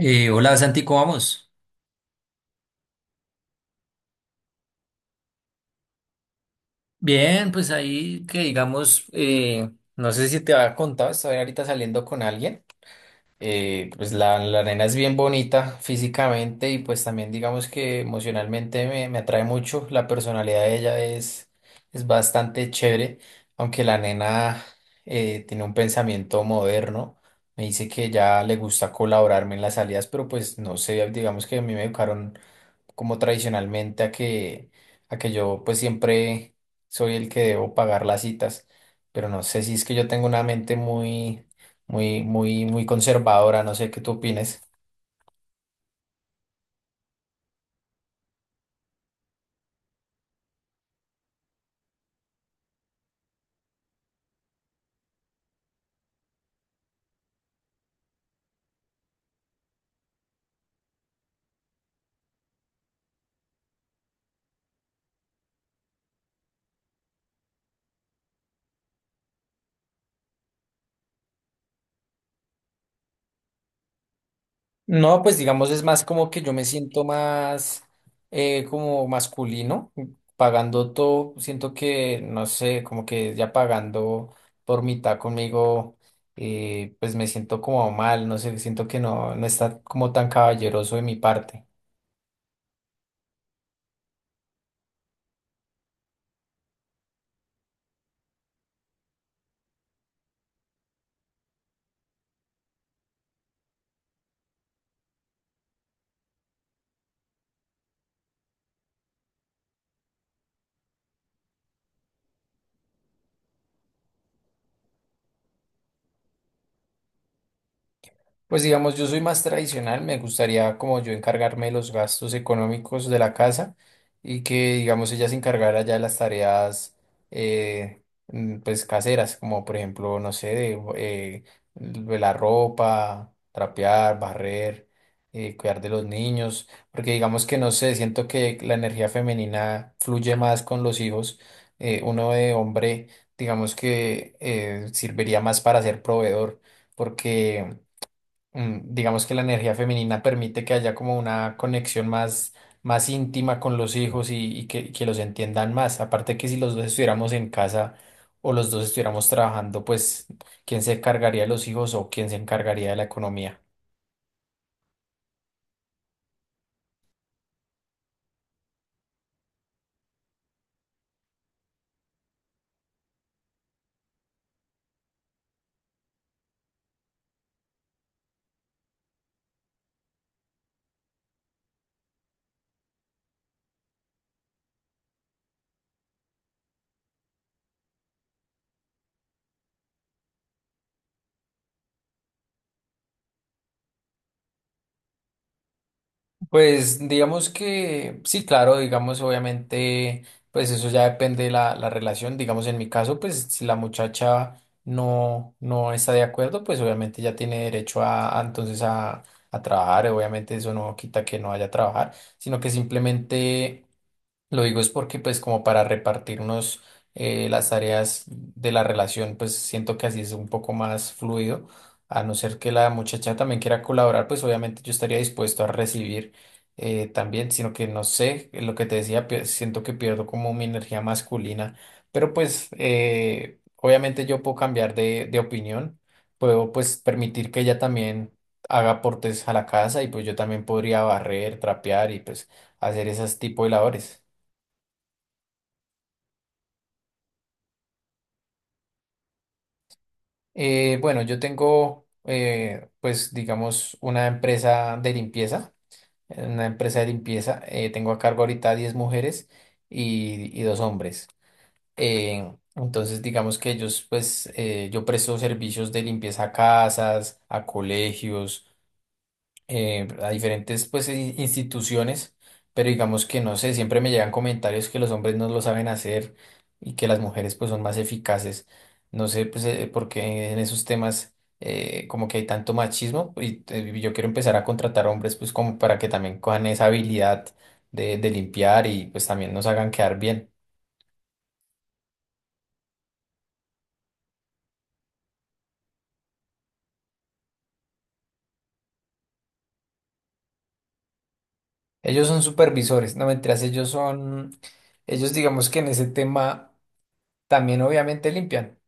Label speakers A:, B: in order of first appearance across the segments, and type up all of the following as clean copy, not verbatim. A: Hola Santi, ¿cómo vamos? Bien, pues ahí que digamos, no sé si te había contado, estoy ahorita saliendo con alguien. La nena es bien bonita físicamente y pues también digamos que emocionalmente me atrae mucho. La personalidad de ella es bastante chévere, aunque la nena tiene un pensamiento moderno. Me dice que ya le gusta colaborarme en las salidas, pero pues no sé, digamos que a mí me educaron como tradicionalmente a que yo pues siempre soy el que debo pagar las citas, pero no sé si es que yo tengo una mente muy, muy conservadora, no sé qué tú opines. No, pues digamos es más como que yo me siento más como masculino, pagando todo, siento que, no sé, como que ya pagando por mitad conmigo, pues me siento como mal, no sé, siento que no está como tan caballeroso de mi parte. Pues digamos, yo soy más tradicional, me gustaría como yo encargarme de los gastos económicos de la casa y que digamos ella se encargara ya de las tareas pues caseras, como por ejemplo, no sé, de la ropa, trapear, barrer, cuidar de los niños, porque digamos que no sé, siento que la energía femenina fluye más con los hijos, uno de hombre digamos que serviría más para ser proveedor, porque digamos que la energía femenina permite que haya como una conexión más, más íntima con los hijos y que los entiendan más. Aparte que si los dos estuviéramos en casa o los dos estuviéramos trabajando, pues, ¿quién se encargaría de los hijos o quién se encargaría de la economía? Pues digamos que sí, claro, digamos obviamente, pues eso ya depende de la relación, digamos en mi caso, pues si la muchacha no está de acuerdo, pues obviamente ya tiene derecho entonces a trabajar, obviamente eso no quita que no vaya a trabajar, sino que simplemente lo digo es porque pues como para repartirnos las tareas de la relación, pues siento que así es un poco más fluido, a no ser que la muchacha también quiera colaborar, pues obviamente yo estaría dispuesto a recibir también, sino que no sé, lo que te decía, siento que pierdo como mi energía masculina, pero pues obviamente yo puedo cambiar de opinión, puedo pues permitir que ella también haga aportes a la casa y pues yo también podría barrer, trapear y pues hacer esas tipo de labores. Bueno, yo tengo pues digamos una empresa de limpieza, una empresa de limpieza, tengo a cargo ahorita 10 mujeres y 2 hombres. Entonces, digamos que ellos, pues, yo presto servicios de limpieza a casas, a colegios, a diferentes, pues, instituciones, pero digamos que no sé, siempre me llegan comentarios que los hombres no lo saben hacer y que las mujeres, pues, son más eficaces. No sé, pues, por qué en esos temas, como que hay tanto machismo y yo quiero empezar a contratar hombres, pues, como para que también cojan esa habilidad de limpiar y, pues, también nos hagan quedar bien. Ellos son supervisores, no mentiras, ellos digamos que en ese tema también obviamente limpian.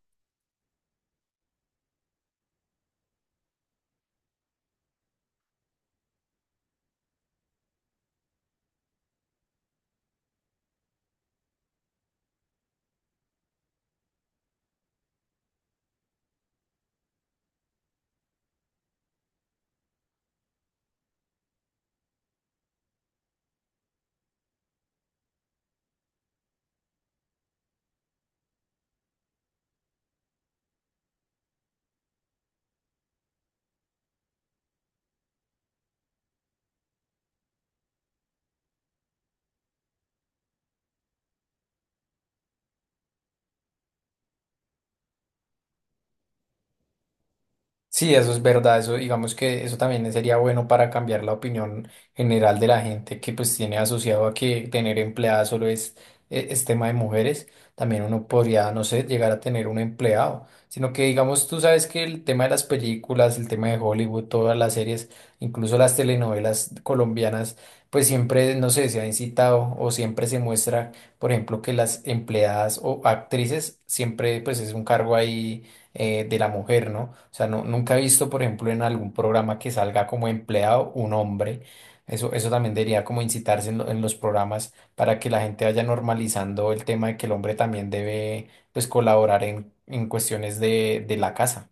A: Sí, eso es verdad, eso digamos que eso también sería bueno para cambiar la opinión general de la gente que pues tiene asociado a que tener empleada solo es tema de mujeres, también uno podría, no sé, llegar a tener un empleado, sino que digamos tú sabes que el tema de las películas, el tema de Hollywood, todas las series, incluso las telenovelas colombianas, pues siempre, no sé, se ha incitado o siempre se muestra, por ejemplo, que las empleadas o actrices siempre pues es un cargo ahí de la mujer, ¿no? O sea, no, nunca he visto, por ejemplo, en algún programa que salga como empleado un hombre. Eso también debería como incitarse en los programas para que la gente vaya normalizando el tema de que el hombre también debe, pues, colaborar en cuestiones de la casa.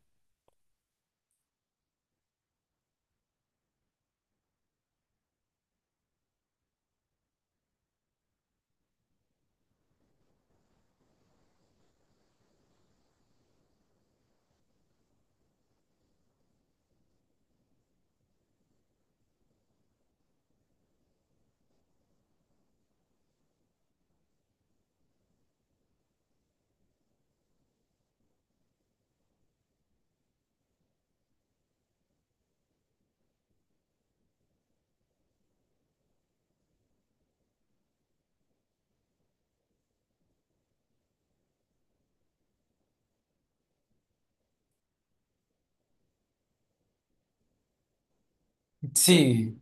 A: Sí,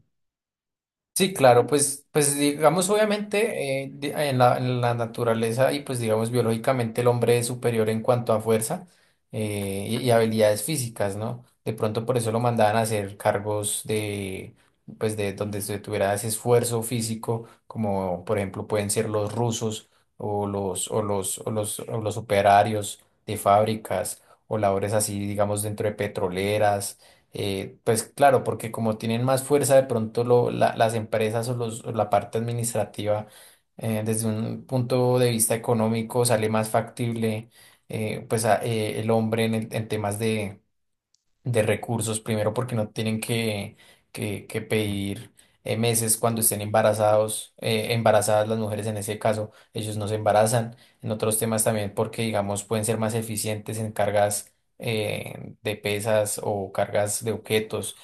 A: sí, claro, pues, pues digamos, obviamente, en en la naturaleza y pues digamos biológicamente el hombre es superior en cuanto a fuerza y habilidades físicas, ¿no? De pronto por eso lo mandaban a hacer cargos de, pues de donde se tuviera ese esfuerzo físico, como por ejemplo pueden ser los rusos o los operarios de fábricas o labores así, digamos, dentro de petroleras pues claro, porque como tienen más fuerza, de pronto las empresas o la parte administrativa, desde un punto de vista económico, sale más factible el hombre en temas de recursos, primero porque no tienen que pedir meses cuando estén embarazados, embarazadas las mujeres en ese caso, ellos no se embarazan, en otros temas también porque, digamos, pueden ser más eficientes en cargas de pesas o cargas de objetos.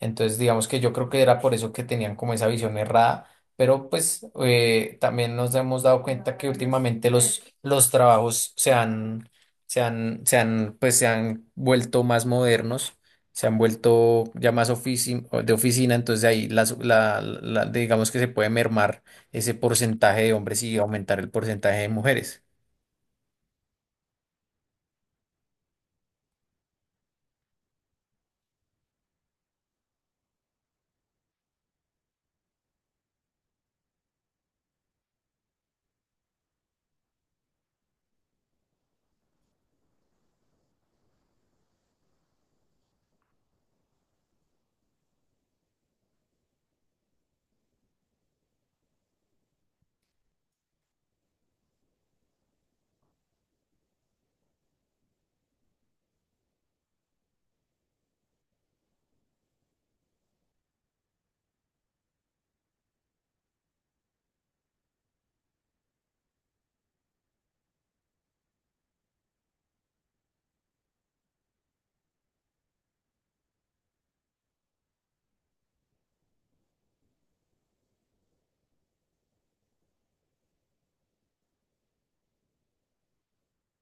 A: Entonces, digamos que yo creo que era por eso que tenían como esa visión errada. Pero pues también nos hemos dado cuenta que últimamente los trabajos se han vuelto más modernos, se han vuelto ya más de oficina, entonces ahí digamos que se puede mermar ese porcentaje de hombres y aumentar el porcentaje de mujeres.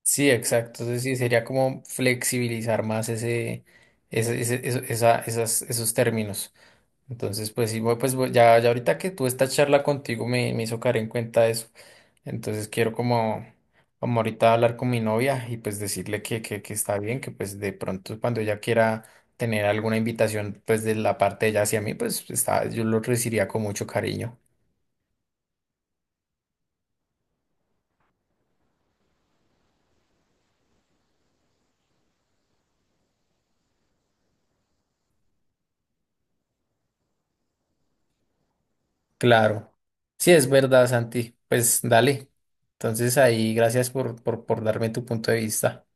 A: Sí, exacto. Entonces sí, sería como flexibilizar más ese, esos términos. Entonces, pues sí, ya ahorita que tuve esta charla contigo me hizo caer en cuenta eso. Entonces quiero como, como ahorita hablar con mi novia y pues decirle que está bien, que pues de pronto cuando ella quiera tener alguna invitación pues de la parte de ella hacia mí, pues está, yo lo recibiría con mucho cariño. Claro. Sí, es verdad, Santi. Pues dale. Entonces ahí, gracias por darme tu punto de vista.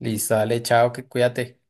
A: Listo, dale, chao, que cuídate.